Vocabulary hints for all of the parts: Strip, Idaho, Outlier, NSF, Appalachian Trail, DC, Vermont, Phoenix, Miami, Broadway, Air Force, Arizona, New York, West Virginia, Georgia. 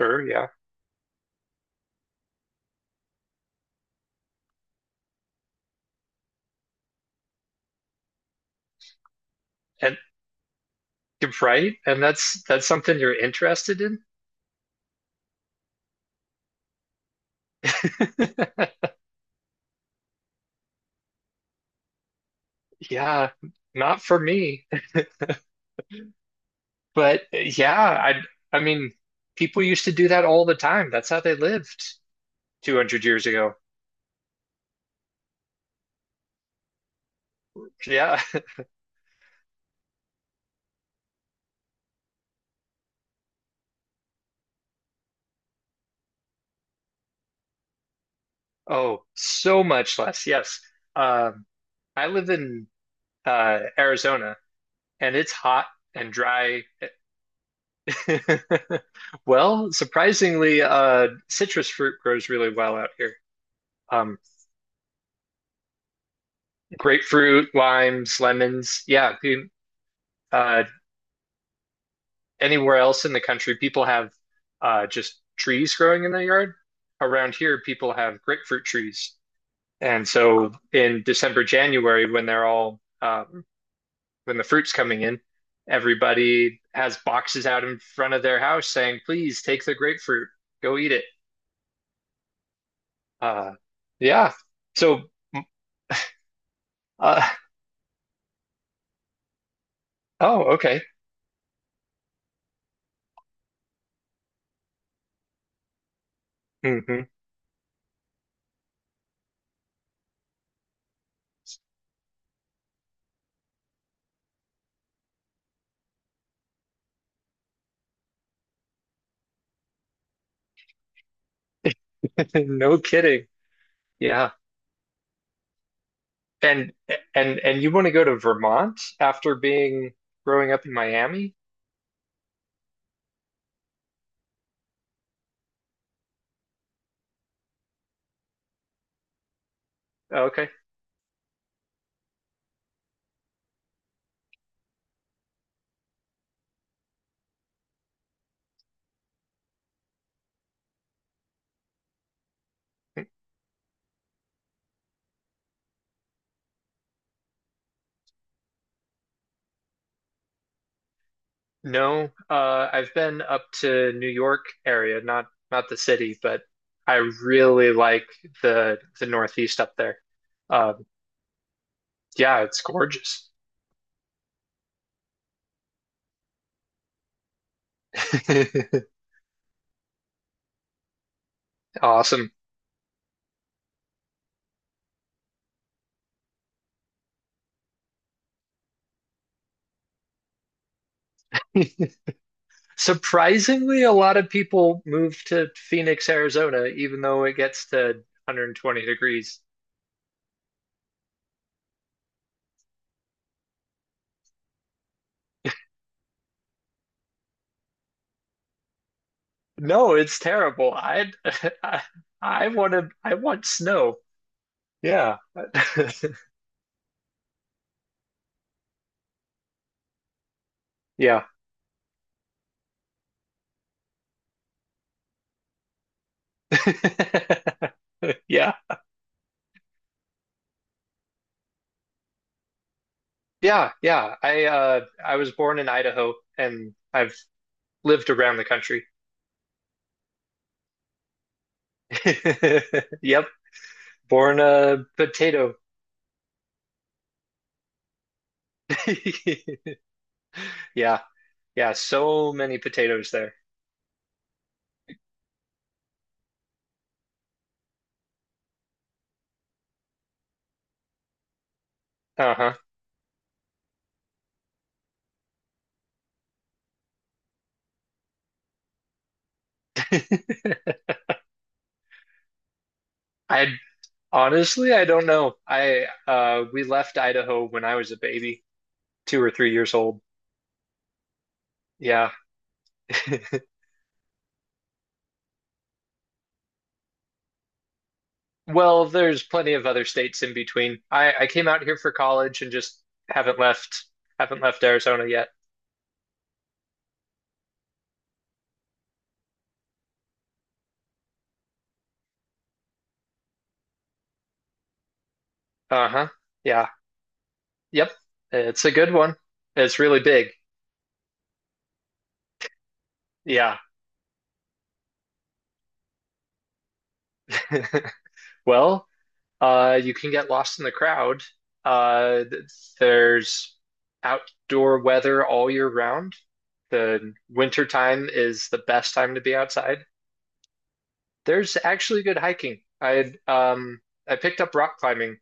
Sure, yeah. And you're right. And that's something you're interested in? Yeah, not for me. But yeah, I mean, people used to do that all the time. That's how they lived 200 years ago. Yeah. Oh, so much less. Yes. Um, I live in Arizona and it's hot and dry. Well, surprisingly, citrus fruit grows really well out here. Um, Grapefruit, limes, lemons. Yeah, uh, anywhere else in the country, people have just trees growing in their yard. Around here, people have grapefruit trees, and so in December, January, when the fruit's coming in, everybody has boxes out in front of their house saying, "Please take the grapefruit, go eat it." Uh, yeah. So, uh, oh, okay. No kidding. Yeah. And and you want to go to Vermont after being growing up in Miami? Oh, okay. No, I've been up to New York area, not the city, but I really like the Northeast up there. Um, yeah, it's gorgeous. Awesome. Surprisingly, a lot of people move to Phoenix, Arizona, even though it gets to 120 degrees. No, it's terrible. I, I want to. I want snow. Yeah. Yeah. Yeah. Yeah. Yeah. I was born in Idaho and I've lived around the country. Yep. Born a potato. Yeah. Yeah. So many potatoes there. Uh-huh. I honestly, I don't know. We left Idaho when I was a baby, 2 or 3 years old. Yeah. Well, there's plenty of other states in between. I came out here for college and just haven't left haven't left Arizona yet. Uh-huh. Yeah. Yep. It's a good one. It's really big. Yeah. Well, you can get lost in the crowd. Uh, th- there's outdoor weather all year round. The winter time is the best time to be outside. There's actually good hiking. I picked up rock climbing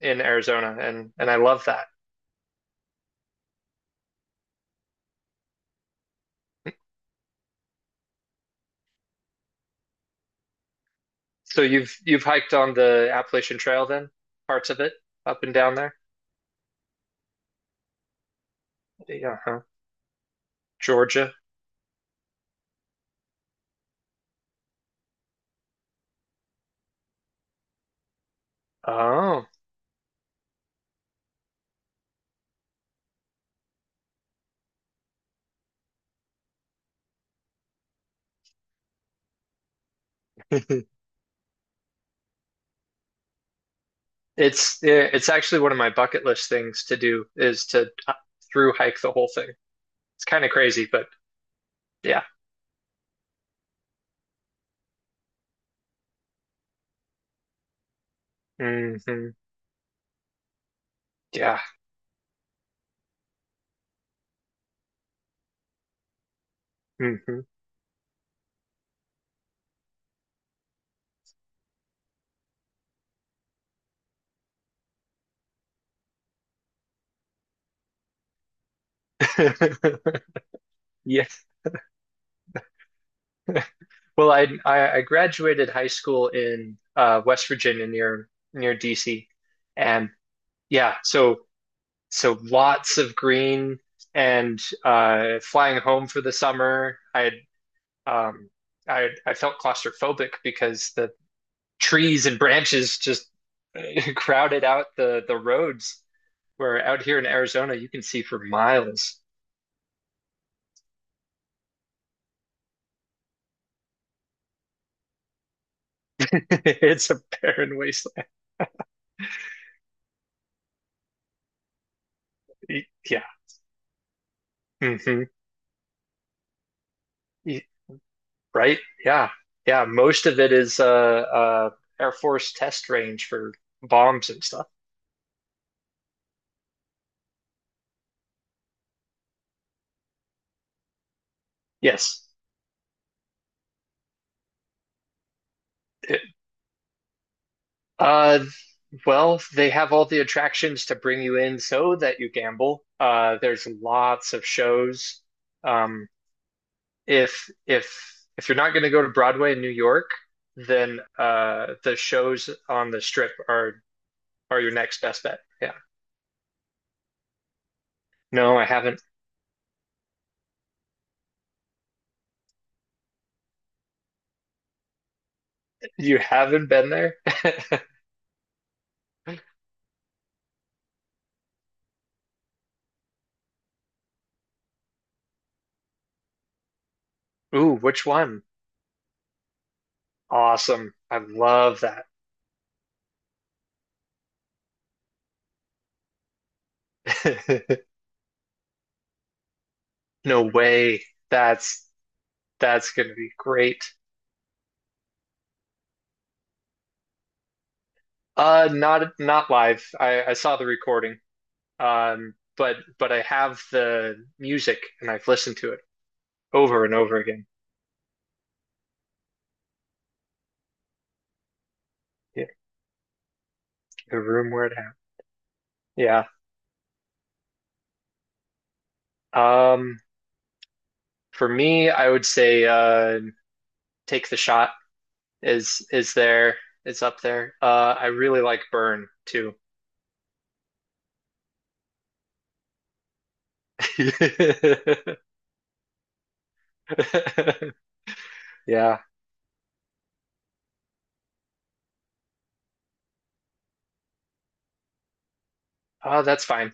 in Arizona, and I love that. So you've hiked on the Appalachian Trail then, parts of it, up and down there? Yeah, huh? Georgia. Oh, it's yeah, it's actually one of my bucket list things to do is to through hike the whole thing. It's kind of crazy, but yeah. Hmm. Yeah. Hmm. Yes. Well, I graduated high school in West Virginia near DC, and yeah, so so lots of green and flying home for the summer. I had, um, I felt claustrophobic because the trees and branches just crowded out the roads. Where out here in Arizona, you can see for miles. It's a barren wasteland. Yeah. Mm-hmm. Right. Yeah. Yeah. Most of it is Air Force test range for bombs and stuff. Yes. It, Uh, Well, they have all the attractions to bring you in so that you gamble. There's lots of shows. Um, if if if you're not going to go to Broadway in New York, then the shows on the Strip are your next best bet. Yeah. No, I haven't. You haven't been there? Ooh, which one? Awesome. I love that. No way. That's going to be great. Not live. I saw the recording. But I have the music and I've listened to it over and over again. Yeah, the room where it happened. Yeah. Um, for me, I would say take the shot is there? It's up there. I really like Burn too. Yeah. Oh, that's fine.